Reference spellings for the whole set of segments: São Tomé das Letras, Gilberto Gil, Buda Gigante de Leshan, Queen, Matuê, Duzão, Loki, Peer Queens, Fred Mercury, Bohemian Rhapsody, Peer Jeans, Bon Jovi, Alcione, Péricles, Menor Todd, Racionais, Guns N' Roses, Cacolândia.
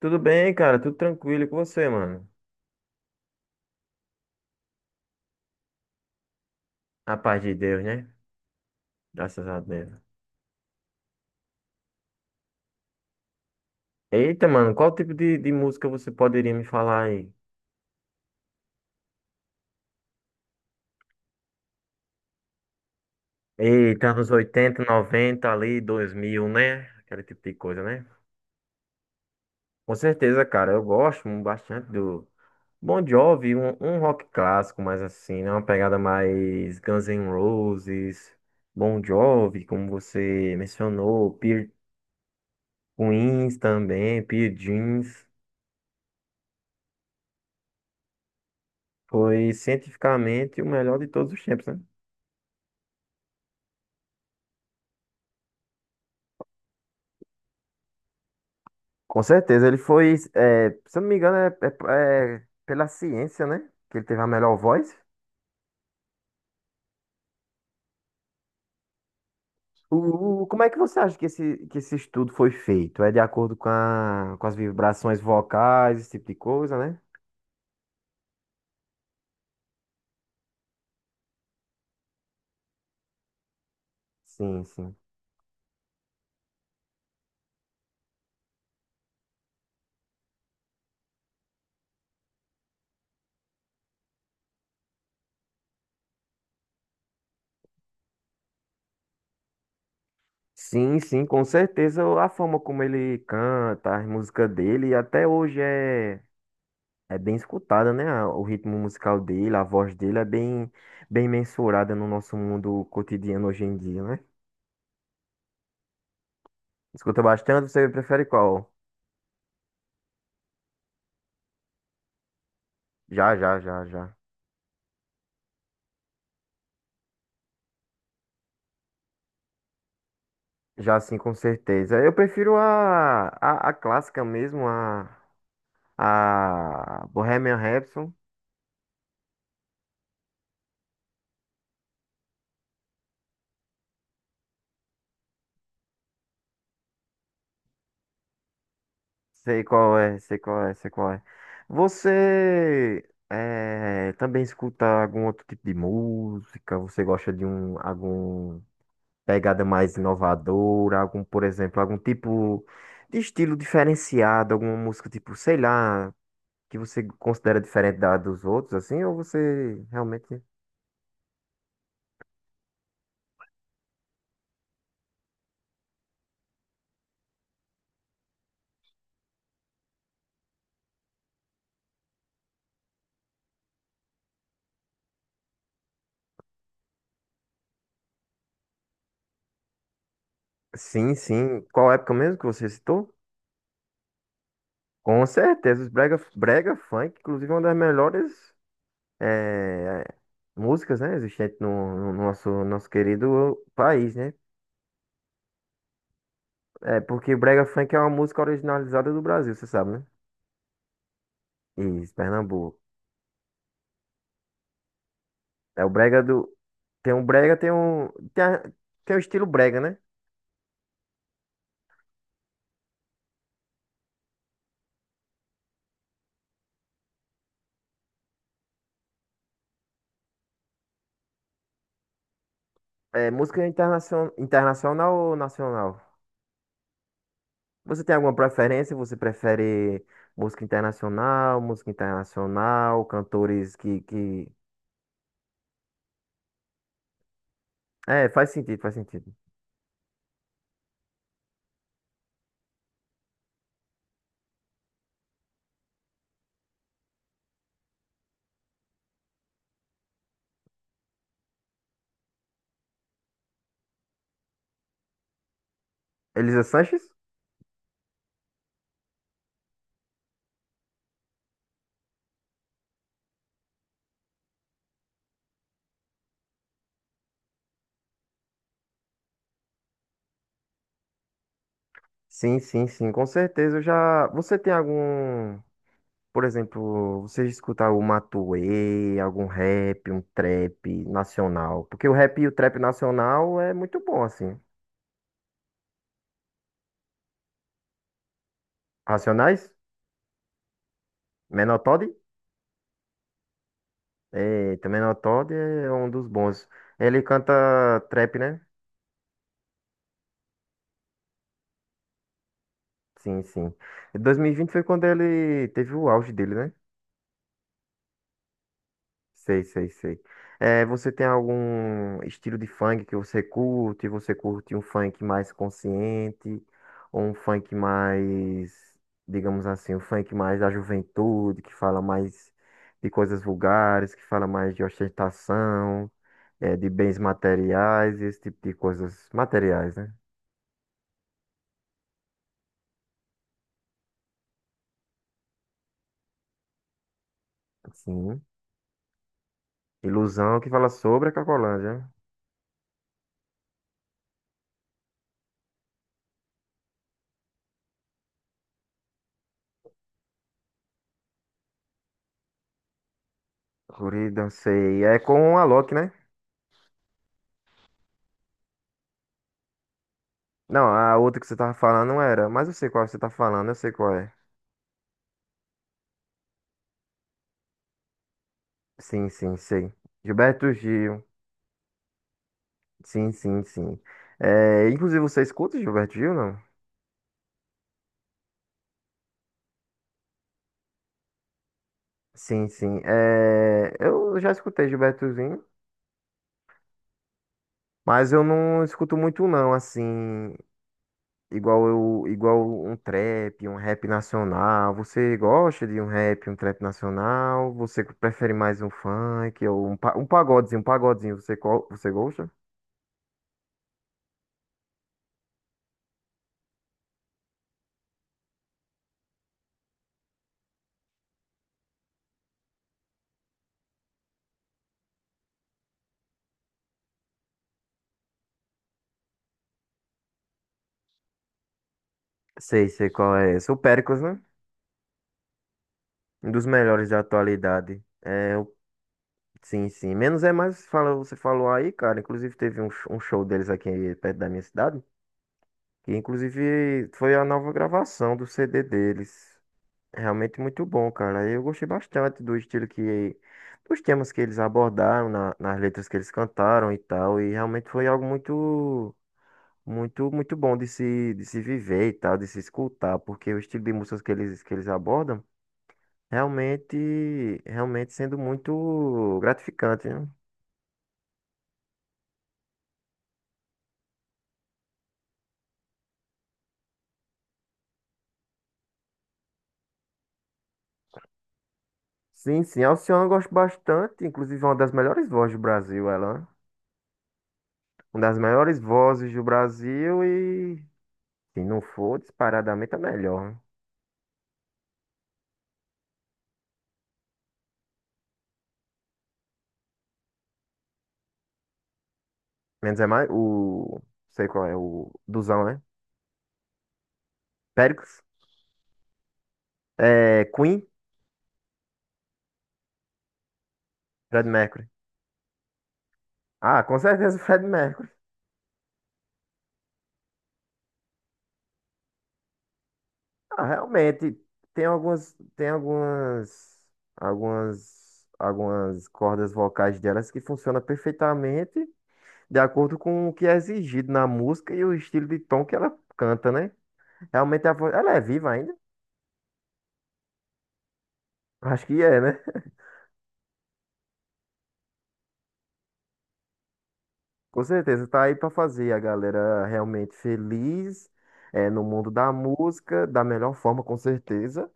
Tudo bem, cara? Tudo tranquilo e com você, mano? A paz de Deus, né? Graças a Deus. Eita, mano, qual tipo de música você poderia me falar aí? Eita, anos 80 90 ali, dois mil, né? Aquele tipo de coisa, né? Com certeza, cara, eu gosto bastante do Bon Jovi, um rock clássico, mais assim, né? Uma pegada mais Guns N' Roses, Bon Jovi, como você mencionou, Peer Queens também, Peer Jeans. Foi cientificamente o melhor de todos os tempos, né? Com certeza, ele foi, é, se eu não me engano, é, é pela ciência, né? Que ele teve a melhor voz. Como é que você acha que esse estudo foi feito? É de acordo com, com as vibrações vocais, esse tipo de coisa, né? Sim, sim. Sim, sim, com certeza a forma como ele canta, as músicas dele, até hoje é é bem escutada, né? O ritmo musical dele, a voz dele é bem, bem mensurada no nosso mundo cotidiano hoje em dia, né? Escuta bastante, você prefere qual? Já, já, já, já. Já, sim, com certeza. Eu prefiro a clássica mesmo, a Bohemian Rhapsody. Sei qual é, sei qual é, sei qual é. Você também escuta algum outro tipo de música? Você gosta de um, algum pegada mais inovadora, algum, por exemplo, algum tipo de estilo diferenciado, alguma música tipo, sei lá, que você considera diferente da dos outros, assim, ou você realmente. Sim, sim. Qual época mesmo que você citou? Com certeza, os brega, brega funk, inclusive, é uma das melhores eh, músicas, né, existentes no nosso, nosso querido país, né? É, porque o brega funk é uma música originalizada do Brasil, você sabe, né? Isso, Pernambuco. É o brega do, tem um brega, tem um. Tem, tem o estilo brega, né? É música internacional ou nacional? Você tem alguma preferência? Você prefere música internacional, cantores que... É, faz sentido, faz sentido. Elisa Sanches? Sim, sim, sim, com certeza. Eu já. Você tem algum. Por exemplo, você escuta algum Matuê, algum rap, um trap nacional? Porque o rap e o trap nacional é muito bom, assim. Racionais? Menor Todd? Eita, Menor Todd é um dos bons. Ele canta trap, né? Sim, sim. E 2020 foi quando ele teve o auge dele, né? Sei, sei, sei. É, você tem algum estilo de funk que você curte? Você curte um funk mais consciente? Ou um funk mais, digamos assim, um funk mais da juventude, que fala mais de coisas vulgares, que fala mais de ostentação, é, de bens materiais, esse tipo de coisas materiais, né? Sim. Ilusão que fala sobre a Cacolândia. Guri, dancei. É com a Loki, né? Não, a outra que você tava falando não era. Mas eu sei qual você tá falando, eu sei qual é. Sim, sim, sei. Gilberto Gil. Sim, sim, sim. É, inclusive, você escuta Gilberto Gil, não? Sim, sim. É, eu já escutei Gilbertozinho, mas eu não escuto muito, não, assim. Igual eu, igual um trap, um rap nacional. Você gosta de um rap, um trap nacional? Você prefere mais um funk ou um, um pagodezinho, você, qual, você gosta? Sei, sei qual é esse. O Péricles, né? Um dos melhores da atualidade. Sim, sim. Menos é mais, fala, você falou aí, cara. Inclusive teve um, um show deles aqui perto da minha cidade. Que inclusive foi a nova gravação do CD deles. É realmente muito bom, cara. Eu gostei bastante do estilo que, dos temas que eles abordaram, nas letras que eles cantaram e tal. E realmente foi algo muito, muito bom de se viver e tal, de se escutar, porque o estilo de músicas que eles abordam, realmente, realmente sendo muito gratificante, né? Sim, sim. Alcione eu gosto bastante, inclusive é uma das melhores vozes do Brasil, ela. Né? Uma das melhores vozes do Brasil e, se não for, disparadamente a melhor. Menos é mais. O. Sei qual é, o. Duzão, né? Péricles. É, Queen. Fred Mercury. Ah, com certeza o Fred Mercury. Ah, realmente. Tem algumas. Tem algumas. Algumas. Algumas cordas vocais delas que funcionam perfeitamente de acordo com o que é exigido na música e o estilo de tom que ela canta, né? Realmente a voz. Ela é viva ainda? Acho que é, né? Com certeza, tá aí pra fazer a galera realmente feliz, é, no mundo da música, da melhor forma, com certeza,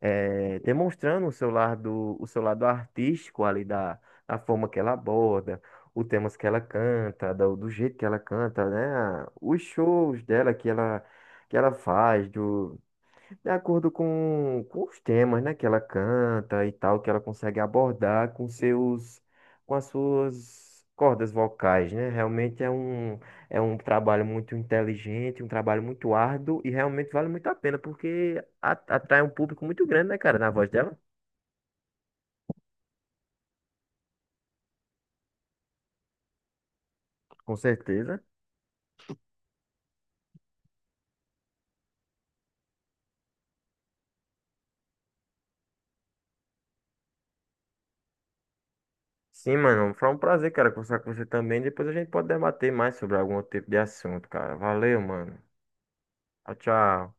é, demonstrando o seu lado artístico ali da, da forma que ela aborda, os temas que ela canta, do, do jeito que ela canta, né? Os shows dela que ela faz, do, de acordo com os temas, né, que ela canta e tal, que ela consegue abordar com seus, com as suas cordas vocais, né? Realmente é um trabalho muito inteligente, um trabalho muito árduo e realmente vale muito a pena porque atrai um público muito grande, né, cara, na voz dela, com certeza. Sim, mano, foi um prazer, cara, conversar com você também. Depois a gente pode debater mais sobre algum outro tipo de assunto, cara. Valeu, mano. Tchau, tchau.